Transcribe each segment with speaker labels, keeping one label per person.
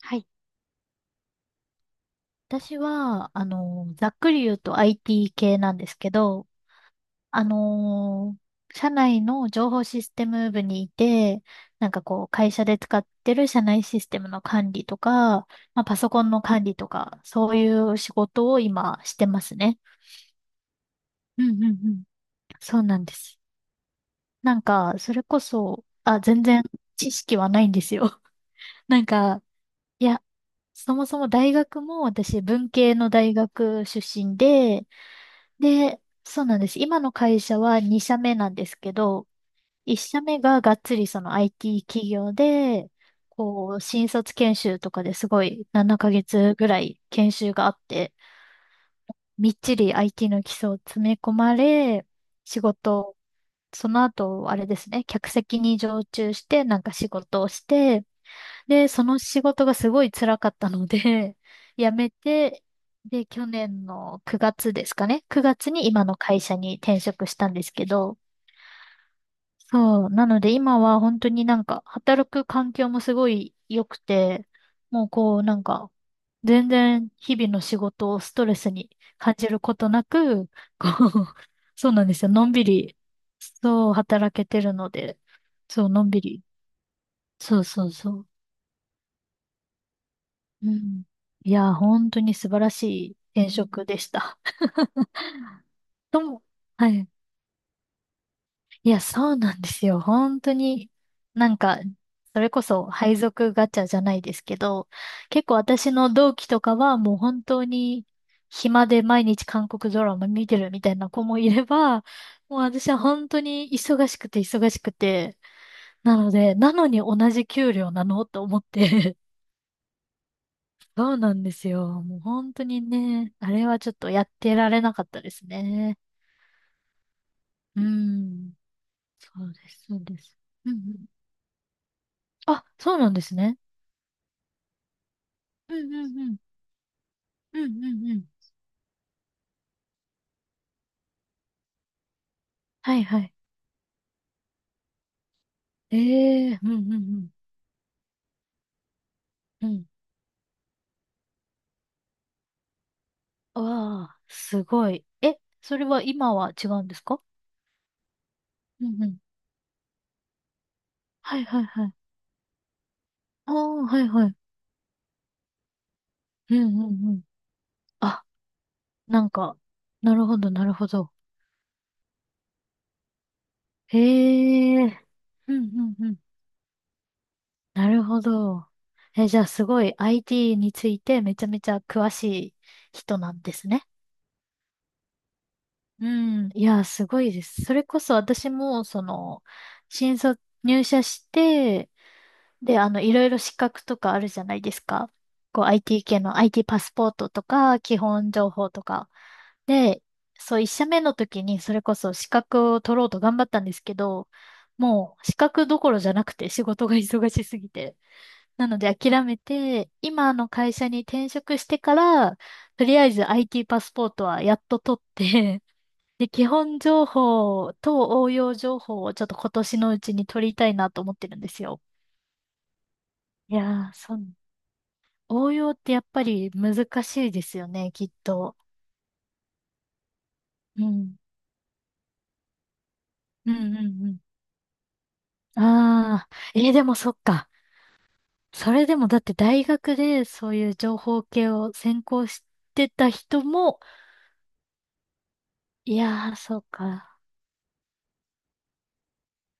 Speaker 1: はい。私は、ざっくり言うと IT 系なんですけど、あの社内の情報システム部にいて、なんかこう、会社で使ってる社内システムの管理とか、まあ、パソコンの管理とか、そういう仕事を今してますね。うんうんうん。そうなんです。なんか、それこそ、あ、全然知識はないんですよ。なんか、いや、そもそも大学も私文系の大学出身で、で、そうなんです。今の会社は2社目なんですけど、1社目ががっつりその IT 企業で、こう、新卒研修とかですごい7ヶ月ぐらい研修があって、みっちり IT の基礎を詰め込まれ、仕事、その後、あれですね、客席に常駐して、なんか仕事をして、で、その仕事がすごい辛かったので、辞めて、で、去年の9月ですかね。9月に今の会社に転職したんですけど、そう。なので今は本当になんか働く環境もすごい良くて、もうこうなんか全然日々の仕事をストレスに感じることなく、こう、そうなんですよ。のんびり、そう働けてるので、そう、のんびり。そうそうそう。うん。いや、本当に素晴らしい転職でした。とも、はい。いや、そうなんですよ。本当に、なんか、それこそ配属ガチャじゃないですけど、結構私の同期とかはもう本当に暇で毎日韓国ドラマ見てるみたいな子もいれば、もう私は本当に忙しくて忙しくて、なので、なのに同じ給料なのと思ってそうなんですよ。もう本当にね、あれはちょっとやってられなかったですね。うん。そうです、そうです。うんうん。あ、そうなんですね。うんうんうん。うんうんうん。はいはい。ええうんうんうん。うん。わあ、すごい。え、それは今は違うんですか？うんうん。はいはいはい。ああ、はいはい。うんうんうん。あ、なんか、なるほどなるほど。へえ。うんうんうん。なるほど。え、じゃあすごい IT についてめちゃめちゃ詳しい人なんですね。うん。いや、すごいです。それこそ私も、新卒入社して、で、いろいろ資格とかあるじゃないですか。こう、IT 系の IT パスポートとか、基本情報とか。で、そう、一社目の時に、それこそ資格を取ろうと頑張ったんですけど、もう、資格どころじゃなくて仕事が忙しすぎて。なので諦めて、今の会社に転職してから、とりあえず IT パスポートはやっと取って、で、基本情報と応用情報をちょっと今年のうちに取りたいなと思ってるんですよ。いやー、そう、応用ってやっぱり難しいですよね、きっと。うん。うんうんうん。ああ、えーでもそっか。それでもだって大学でそういう情報系を専攻してた人も、いやー、そうか。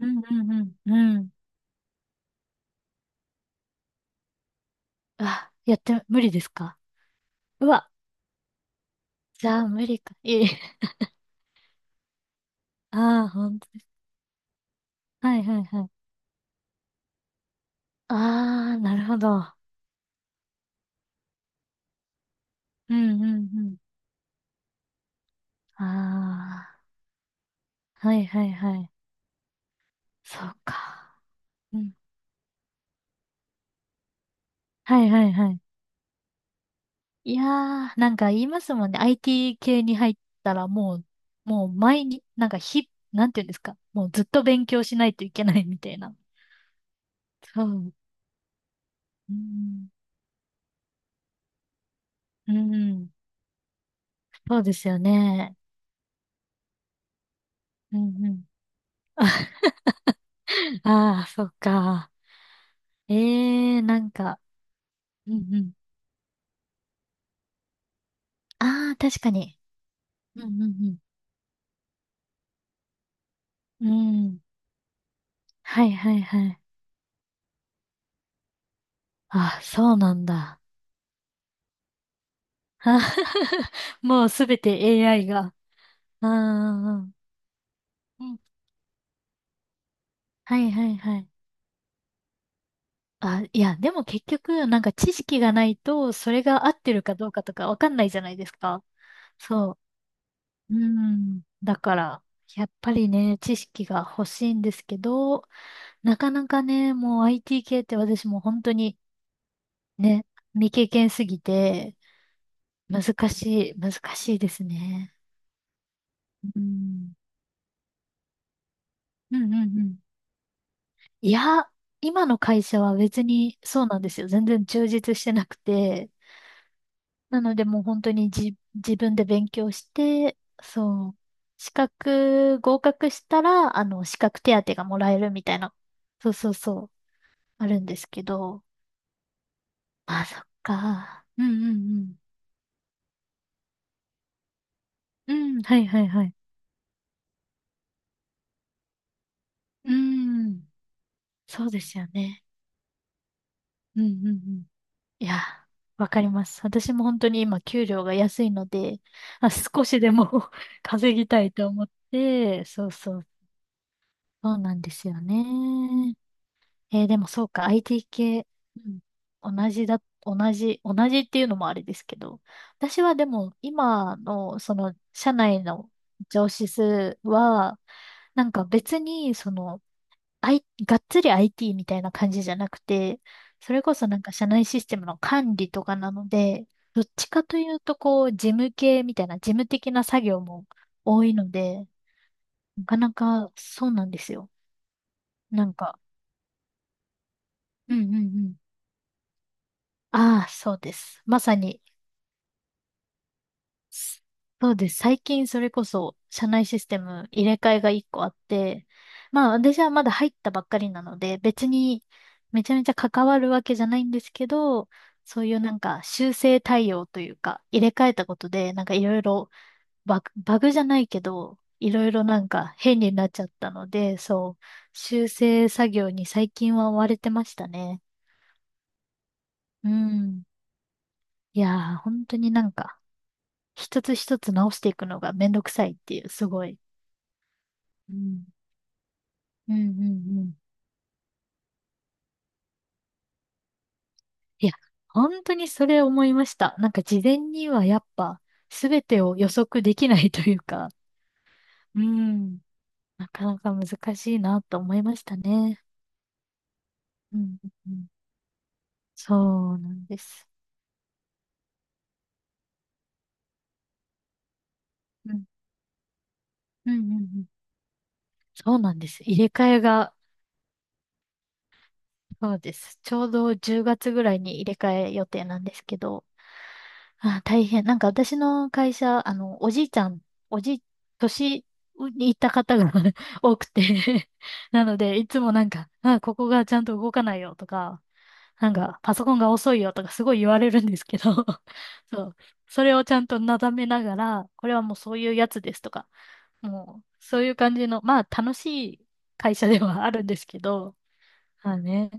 Speaker 1: うんうんうん。うん。あ、やって、無理ですか？うわ、じゃあ無理か。いえいえ。ああ、本当です。はいはいはい。ああ、なるほど。うんうんうん。ああ、はいはいはい。そうか。うん。はいはいはい。いやー、なんか言いますもんね。IT 系に入ったらもう、もう毎日、なんか日、なんていうんですか。もうずっと勉強しないといけないみたいな。そう。うん。うんうん。そうですよね。うんうん。ああ、そっか。ええなんか、うんうん。ああ、確かに。うんうんうん。うん。はいはいはい。ああ、そうなんだ。あー もうすべて AI が。ああ、うんうんはいはいはい。あ、いや、でも結局、なんか知識がないと、それが合ってるかどうかとかわかんないじゃないですか。そう。うん。だから、やっぱりね、知識が欲しいんですけど、なかなかね、もう IT 系って私も本当にね、未経験すぎて、難難しいですね。うん。うんうんうん。いや、今の会社は別にそうなんですよ。全然充実してなくて。なのでもう本当にじ、自分で勉強して、そう、資格合格したら、資格手当がもらえるみたいな、そうそうそう、あるんですけど。まあ、そっか。うんうんうん。うん、はいはいはい。うーん。そうですよね。うんうんうん。いや、わかります。私も本当に今、給料が安いので、あ、少しでも 稼ぎたいと思って、そうそう、そうなんですよね。えーでもそうか、IT 系、うん、同じだ、同じ、同じっていうのもあれですけど、私はでも、今の、社内の上司数は、なんか別に、あい、がっつり IT みたいな感じじゃなくて、それこそなんか社内システムの管理とかなので、どっちかというとこう、事務系みたいな、事務的な作業も多いので、なかなかそうなんですよ。なんか、うんうんうん。ああ、そうです。まさにそうです。最近それこそ社内システム入れ替えが1個あって、まあ私はまだ入ったばっかりなので、別にめちゃめちゃ関わるわけじゃないんですけど、そういうなんか修正対応というか、入れ替えたことで、なんかいろいろバグじゃないけど、いろいろなんか変になっちゃったので、そう、修正作業に最近は追われてましたね。うん。いやー、本当になんか、一つ一つ直していくのがめんどくさいっていう、すごい。うん、うん、うん。うんいや、本当にそれ思いました。なんか事前にはやっぱ全てを予測できないというか、うん、なかなか難しいなと思いましたね。うん、うんうんそうなんです。うん、うん、うんうん。そうなんです。入れ替えが、そうです。ちょうど10月ぐらいに入れ替え予定なんですけど、あ、大変。なんか私の会社、おじいちゃん、おじい、年に行った方が 多くて なので、いつもなんか、あ、ここがちゃんと動かないよとか、なんか、パソコンが遅いよとかすごい言われるんですけど そう。それをちゃんとなだめながら、これはもうそういうやつですとか、もう、そういう感じの、まあ、楽しい会社ではあるんですけど、まあね。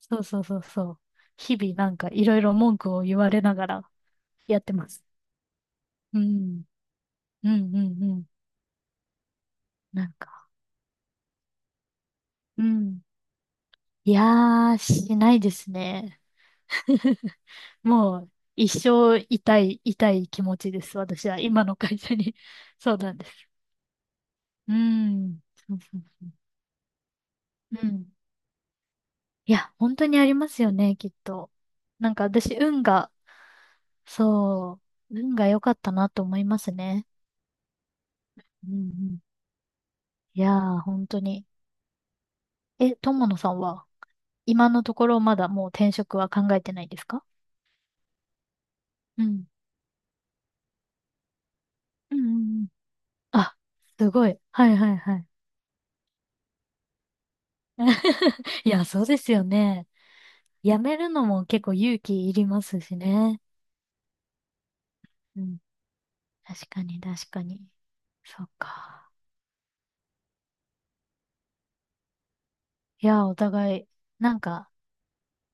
Speaker 1: そうそうそうそう。日々なんかいろいろ文句を言われながらやってます。うん、うん、うん、うん。なんか、うん。いやー、しないですね。もう、一生痛い気持ちです。私は、今の会社に。そうなんです。うん。そうそうそう。うん。いや、本当にありますよね、きっと。なんか私、運が、そう、運が良かったなと思いますね。うんうん。いやー、本当に。え、友野さんは、今のところまだもう転職は考えてないですか？うん。うんうんうんあ、すごい。はいはいはい。いや、そうですよね。やめるのも結構勇気いりますしね。うん。確かに。そっか。いや、お互い、なんか、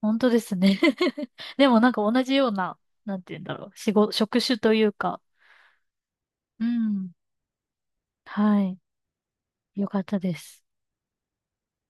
Speaker 1: 本当ですね。でもなんか同じような、なんて言うんだろう。仕事、職種というか。うん。はい。よかったです。